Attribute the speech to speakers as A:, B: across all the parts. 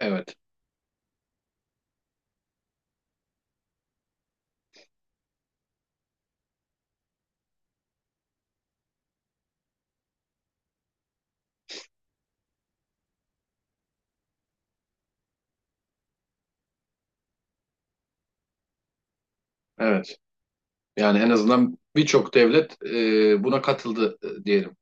A: Evet, evet. Yani en azından birçok devlet buna katıldı diyelim.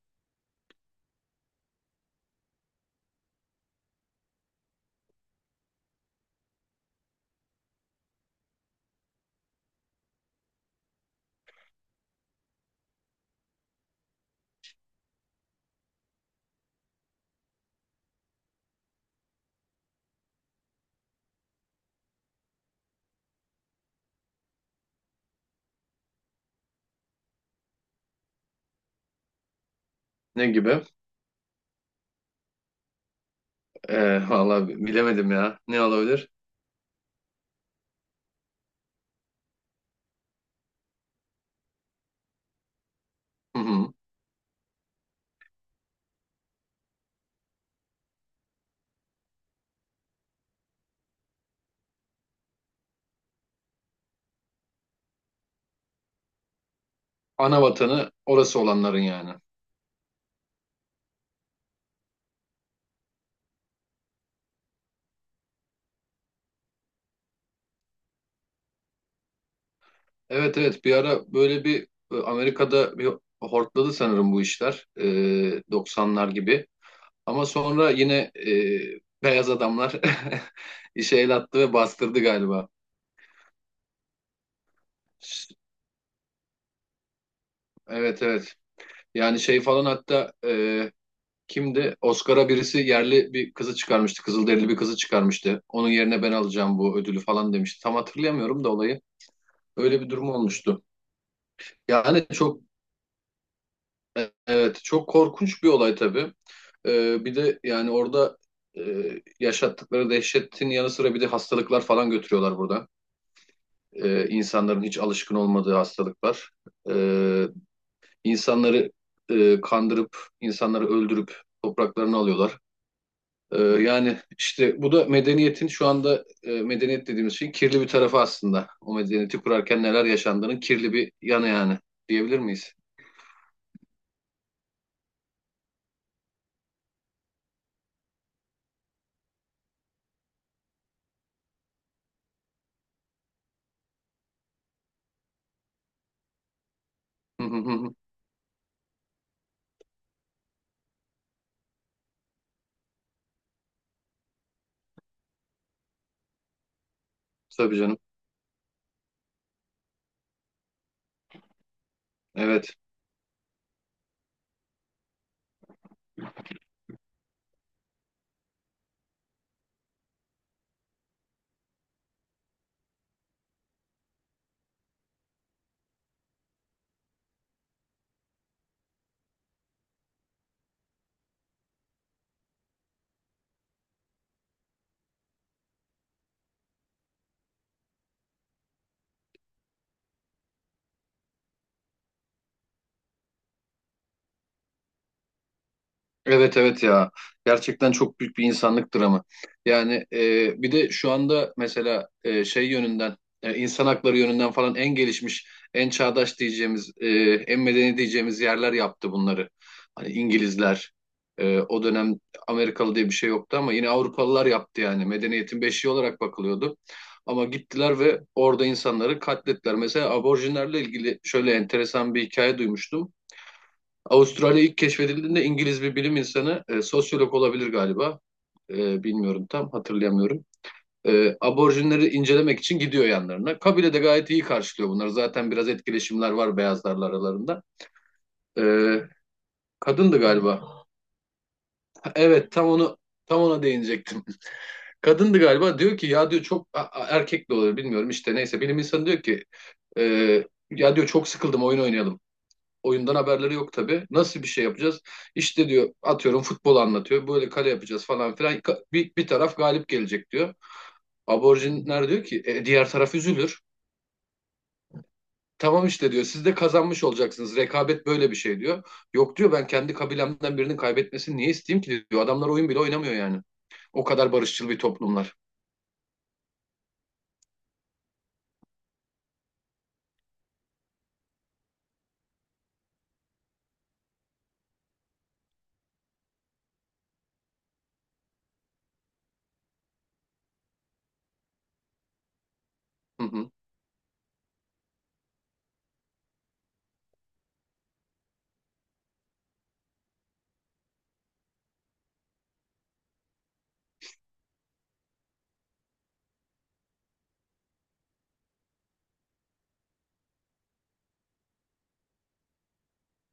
A: Ne gibi? Vallahi bilemedim ya. Ne olabilir? Hı hı. Ana vatanı orası olanların yani. Evet, evet. Bir ara böyle bir Amerika'da bir hortladı sanırım bu işler. 90'lar gibi. Ama sonra yine beyaz adamlar işe el attı ve bastırdı galiba. Evet, evet. Yani şey falan hatta Kimdi? Oscar'a birisi yerli bir kızı çıkarmıştı. Kızılderili bir kızı çıkarmıştı. Onun yerine ben alacağım bu ödülü falan demişti. Tam hatırlayamıyorum da olayı. Öyle bir durum olmuştu. Yani çok evet çok korkunç bir olay tabii. Bir de yani orada e, yaşattıkları dehşetin yanı sıra bir de hastalıklar falan götürüyorlar burada. İnsanların hiç alışkın olmadığı hastalıklar. Ee, insanları kandırıp insanları öldürüp topraklarını alıyorlar. Yani işte bu da medeniyetin şu anda medeniyet dediğimiz şeyin kirli bir tarafı aslında. O medeniyeti kurarken neler yaşandığının kirli bir yanı yani diyebilir miyiz? Hı hı hı. Tabii canım. Evet. Evet evet ya gerçekten çok büyük bir insanlık dramı. Yani bir de şu anda mesela şey yönünden insan hakları yönünden falan en gelişmiş, en çağdaş diyeceğimiz, en medeni diyeceğimiz yerler yaptı bunları. Hani İngilizler o dönem Amerikalı diye bir şey yoktu ama yine Avrupalılar yaptı yani medeniyetin beşiği olarak bakılıyordu. Ama gittiler ve orada insanları katlettiler. Mesela aborjinlerle ilgili şöyle enteresan bir hikaye duymuştum. Avustralya ilk keşfedildiğinde İngiliz bir bilim insanı, sosyolog olabilir galiba. Bilmiyorum tam hatırlayamıyorum. Aborjinleri incelemek için gidiyor yanlarına. Kabile de gayet iyi karşılıyor bunları. Zaten biraz etkileşimler var beyazlarla aralarında. E, Kadındı galiba. Ha, evet tam ona değinecektim. Kadındı galiba diyor ki ya diyor çok erkek de olur bilmiyorum işte neyse bilim insanı diyor ki e, ya diyor çok sıkıldım oyun oynayalım. Oyundan haberleri yok tabii. Nasıl bir şey yapacağız? İşte diyor atıyorum futbol anlatıyor. Böyle kale yapacağız falan filan. Bir, bir taraf galip gelecek diyor. Aborjinler diyor ki "E, diğer taraf üzülür. Tamam işte diyor siz de kazanmış olacaksınız. Rekabet böyle bir şey diyor. Yok diyor ben kendi kabilemden birinin kaybetmesini niye isteyeyim ki diyor. Adamlar oyun bile oynamıyor yani. O kadar barışçıl bir toplumlar. Hı hı.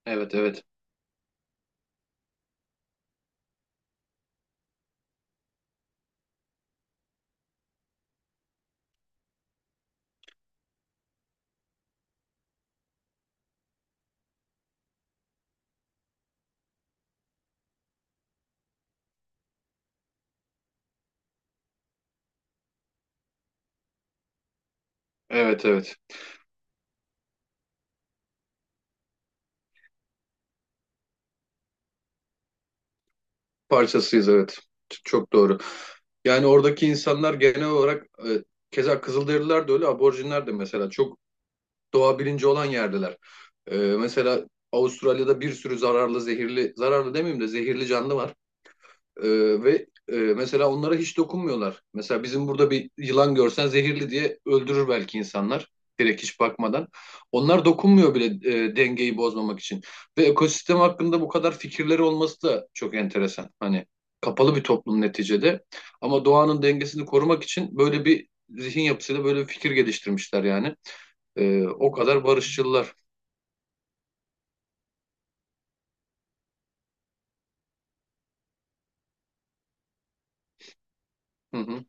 A: Evet evet. Evet evet. Parçasıyız evet. Çok doğru. Yani oradaki insanlar genel olarak keza Kızılderililer de öyle, aborjinler de mesela çok doğa bilinci olan yerdeler. Mesela Avustralya'da bir sürü zararlı, zehirli, zararlı demeyeyim de zehirli canlı var. Ee, ve mesela onlara hiç dokunmuyorlar. Mesela bizim burada bir yılan görsen zehirli diye öldürür belki insanlar. Direkt hiç bakmadan. Onlar dokunmuyor bile dengeyi bozmamak için. Ve ekosistem hakkında bu kadar fikirleri olması da çok enteresan. Hani kapalı bir toplum neticede. Ama doğanın dengesini korumak için böyle bir zihin yapısıyla böyle bir fikir geliştirmişler yani. O kadar barışçılar. Hı hı,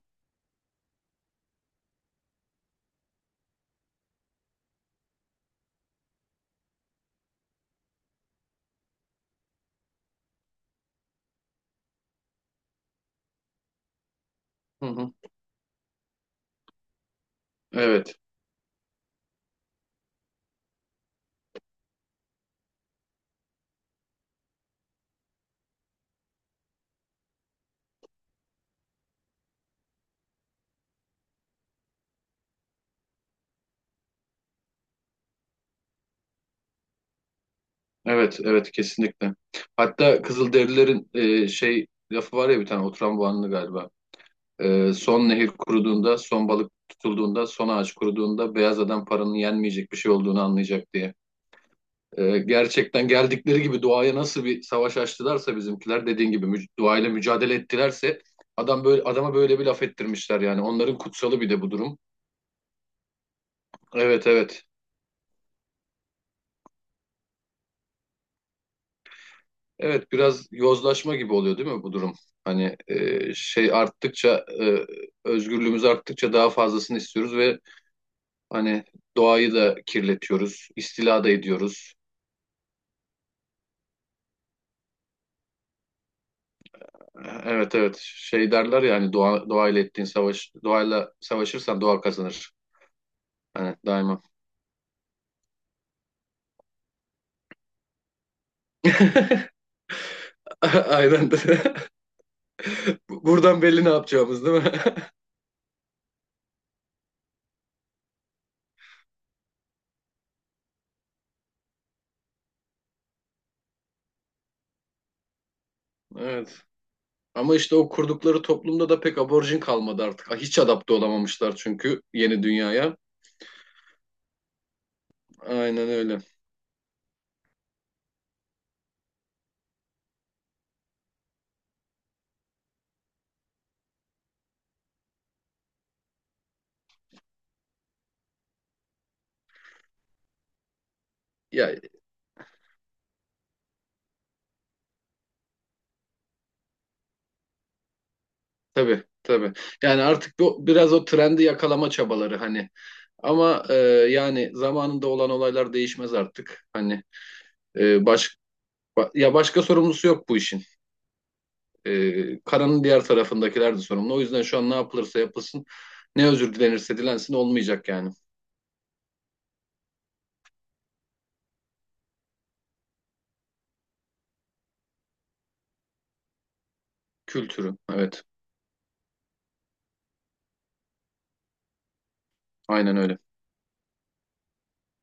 A: hı hı. Evet. Evet, evet kesinlikle. Hatta Kızılderililerin şey lafı var ya bir tane oturan bu anlı galiba. Son nehir kuruduğunda, son balık tutulduğunda, son ağaç kuruduğunda beyaz adam paranın yenmeyecek bir şey olduğunu anlayacak diye. Gerçekten geldikleri gibi doğaya nasıl bir savaş açtılarsa bizimkiler dediğin gibi mü doğayla mücadele ettilerse adam böyle adama böyle bir laf ettirmişler yani. Onların kutsalı bir de bu durum. Evet, evet. Evet biraz yozlaşma gibi oluyor değil mi bu durum? Hani şey arttıkça özgürlüğümüz arttıkça daha fazlasını istiyoruz ve hani doğayı da kirletiyoruz, istila da ediyoruz. Evet evet şey derler ya hani doğa, doğayla ettiğin savaş, doğayla savaşırsan doğa kazanır. Hani daima. Aynen. Buradan belli ne yapacağımız değil mi? Evet. Ama işte o kurdukları toplumda da pek aborjin kalmadı artık. Hiç adapte olamamışlar çünkü yeni dünyaya. Aynen öyle. Ya tabii tabii. Yani artık bu biraz o trendi yakalama çabaları hani. Ama yani zamanında olan olaylar değişmez artık. Hani e, baş, ya başka sorumlusu yok bu işin. Karanın diğer tarafındakiler de sorumlu. O yüzden şu an ne yapılırsa yapılsın, ne özür dilenirse dilensin olmayacak yani. Kültürü. Evet. Aynen öyle.